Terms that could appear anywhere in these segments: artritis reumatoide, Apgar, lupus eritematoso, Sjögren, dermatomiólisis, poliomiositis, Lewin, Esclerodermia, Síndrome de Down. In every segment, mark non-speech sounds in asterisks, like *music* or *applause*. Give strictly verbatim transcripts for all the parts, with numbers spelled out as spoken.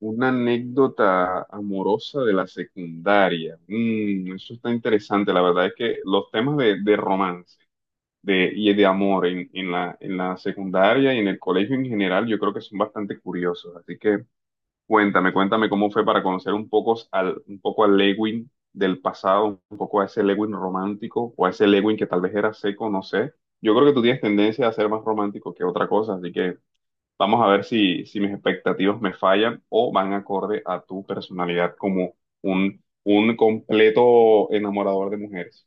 Una anécdota amorosa de la secundaria. Mm, eso está interesante. La verdad es que los temas de, de romance de, y de amor en, en la, en la secundaria y en el colegio en general, yo creo que son bastante curiosos. Así que cuéntame, cuéntame cómo fue para conocer un poco al, un poco al Lewin del pasado, un poco a ese Lewin romántico o a ese Lewin que tal vez era seco, no sé. Yo creo que tú tienes tendencia a ser más romántico que otra cosa, así que vamos a ver si, si mis expectativas me fallan o van acorde a tu personalidad como un, un completo enamorador de mujeres.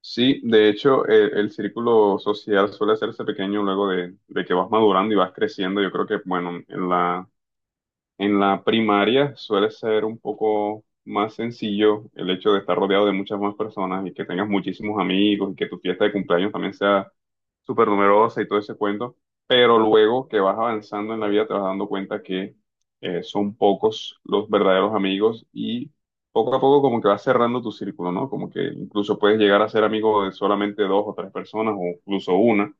Sí, de hecho, eh, el círculo social suele hacerse pequeño luego de, de que vas madurando y vas creciendo. Yo creo que, bueno, en la en la primaria suele ser un poco más sencillo el hecho de estar rodeado de muchas más personas y que tengas muchísimos amigos y que tu fiesta de cumpleaños también sea súper numerosa y todo ese cuento, pero luego que vas avanzando en la vida te vas dando cuenta que eh, son pocos los verdaderos amigos y poco a poco como que vas cerrando tu círculo, ¿no? Como que incluso puedes llegar a ser amigo de solamente dos o tres personas o incluso una.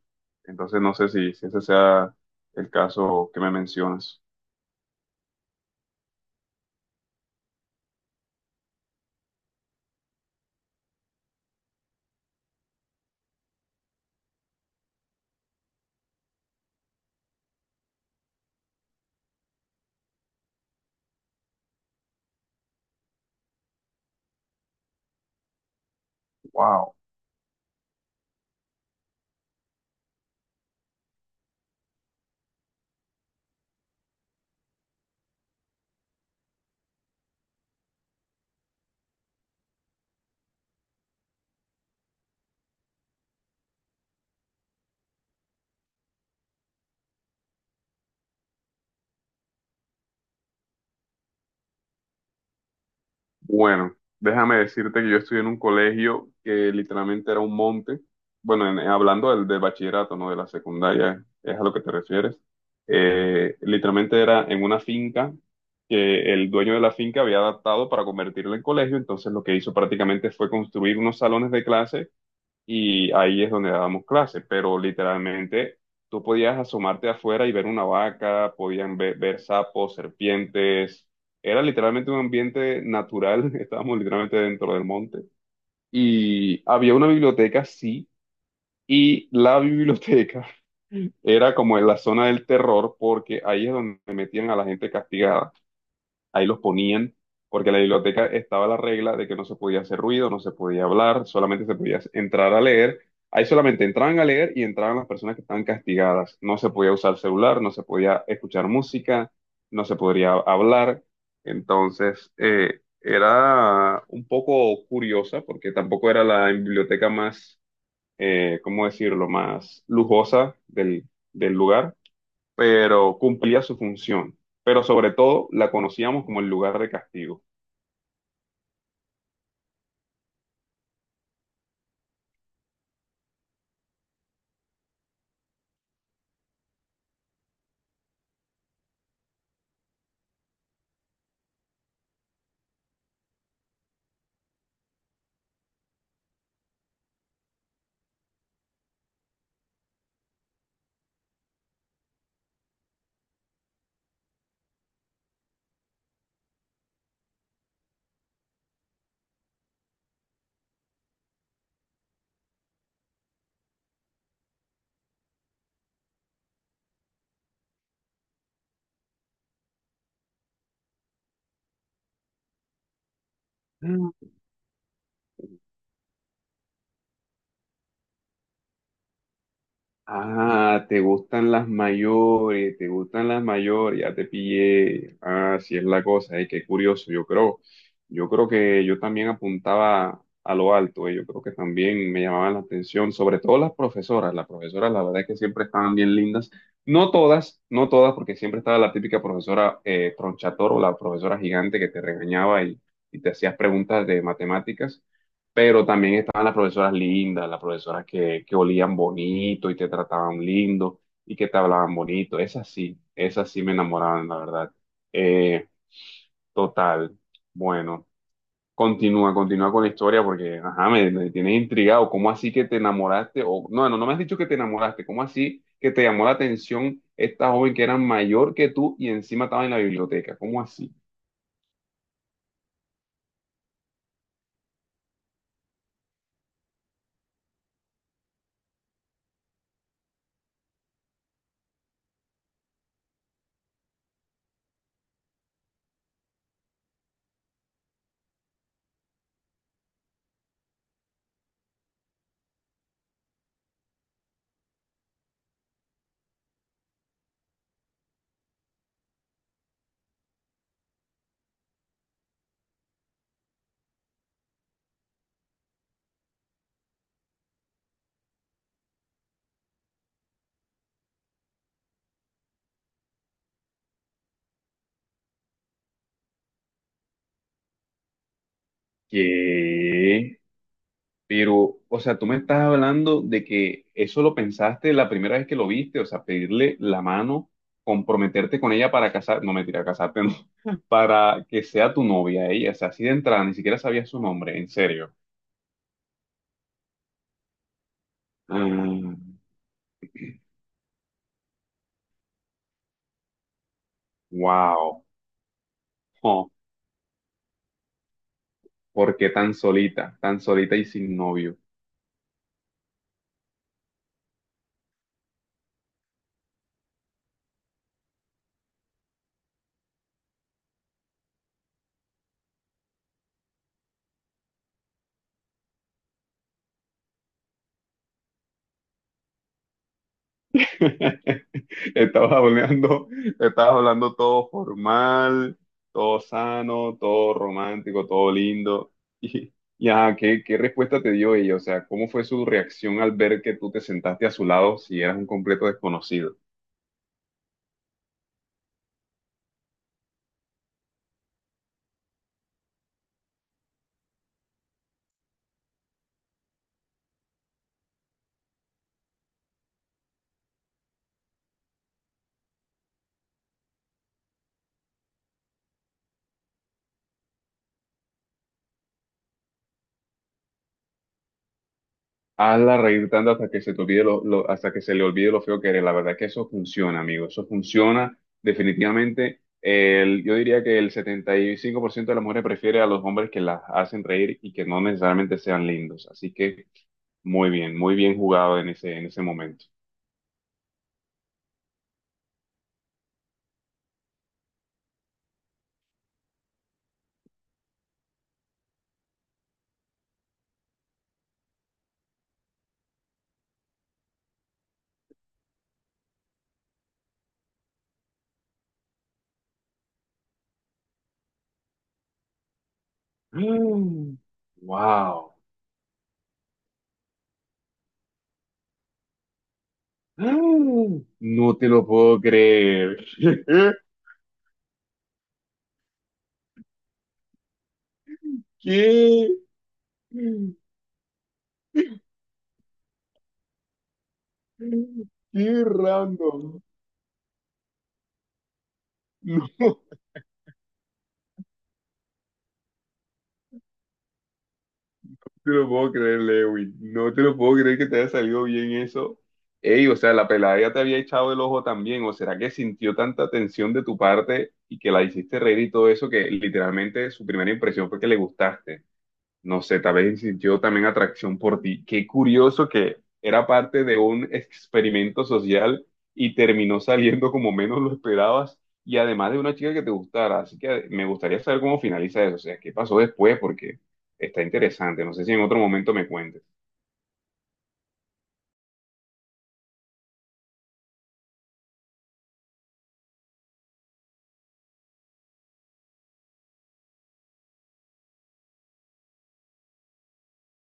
Entonces no sé si, si ese sea el caso que me mencionas. Wow. Bueno, déjame decirte que yo estudié en un colegio que literalmente era un monte. Bueno, en- hablando del, del bachillerato, no de la secundaria, es a lo que te refieres. Eh, literalmente era en una finca que el dueño de la finca había adaptado para convertirla en colegio. Entonces, lo que hizo prácticamente fue construir unos salones de clase y ahí es donde dábamos clases, pero literalmente tú podías asomarte afuera y ver una vaca, podían ver, ver sapos, serpientes, era literalmente un ambiente natural, *laughs* estábamos literalmente dentro del monte y había una biblioteca, sí, y la biblioteca *laughs* era como en la zona del terror porque ahí es donde metían a la gente castigada, ahí los ponían, porque en la biblioteca estaba la regla de que no se podía hacer ruido, no se podía hablar, solamente se podía entrar a leer. Ahí solamente entraban a leer y entraban las personas que estaban castigadas. No se podía usar celular, no se podía escuchar música, no se podría hablar. Entonces, eh, era un poco curiosa porque tampoco era la biblioteca más, eh, ¿cómo decirlo?, más lujosa del, del lugar, pero cumplía su función. Pero sobre todo la conocíamos como el lugar de castigo. Ah, te gustan las mayores, te gustan las mayores, ya te pillé. Ah, sí es la cosa, eh, qué curioso. Yo creo, yo creo que yo también apuntaba a lo alto, eh, yo creo que también me llamaban la atención, sobre todo las profesoras. Las profesoras, la verdad es que siempre estaban bien lindas. No todas, no todas, porque siempre estaba la típica profesora eh, tronchator o la profesora gigante que te regañaba y, y te hacías preguntas de matemáticas, pero también estaban las profesoras lindas, las profesoras que, que olían bonito y te trataban lindo y que te hablaban bonito. Esas sí, esas sí me enamoraban, la verdad. Eh, total. Bueno, continúa, continúa con la historia porque, ajá, me, me tienes intrigado. ¿Cómo así que te enamoraste? O, no, no, no me has dicho que te enamoraste. ¿Cómo así que te llamó la atención esta joven que era mayor que tú y encima estaba en la biblioteca? ¿Cómo así? ¿Qué? Pero, o sea, tú me estás hablando de que eso lo pensaste la primera vez que lo viste, o sea, pedirle la mano, comprometerte con ella para casar, no mentira, casarte, no, *laughs* para que sea tu novia ella, o sea, así de entrada, ni siquiera sabía su nombre, en serio. Mm, wow, oh, ¿por qué tan solita, tan solita y sin novio? *laughs* Estabas hablando, estabas hablando todo formal, todo sano, todo romántico, todo lindo. Y, y ajá, ¿qué, qué respuesta te dio ella? O sea, ¿cómo fue su reacción al ver que tú te sentaste a su lado si eras un completo desconocido? Hazla reír tanto hasta que se te olvide lo, lo- hasta que se le olvide lo feo que eres. La verdad es que eso funciona, amigo. Eso funciona definitivamente. El, yo diría que el setenta y cinco por ciento de las mujeres prefiere a los hombres que las hacen reír y que no necesariamente sean lindos. Así que muy bien, muy bien jugado en ese, en ese momento. *gasps* Mm, wow. Mm, *gasps* no te lo puedo creer. *laughs* ¿Qué? Qué random. *laughs* No te lo puedo creer, Lewin. No te lo puedo creer que te haya salido bien eso. Ey, o sea, la pelada ya te había echado el ojo también. ¿O será que sintió tanta tensión de tu parte y que la hiciste reír y todo eso que literalmente su primera impresión fue que le gustaste? No sé, tal vez sintió también atracción por ti. Qué curioso que era parte de un experimento social y terminó saliendo como menos lo esperabas y además de una chica que te gustara. Así que me gustaría saber cómo finaliza eso, o sea, qué pasó después porque está interesante. No sé si en otro momento me cuentes.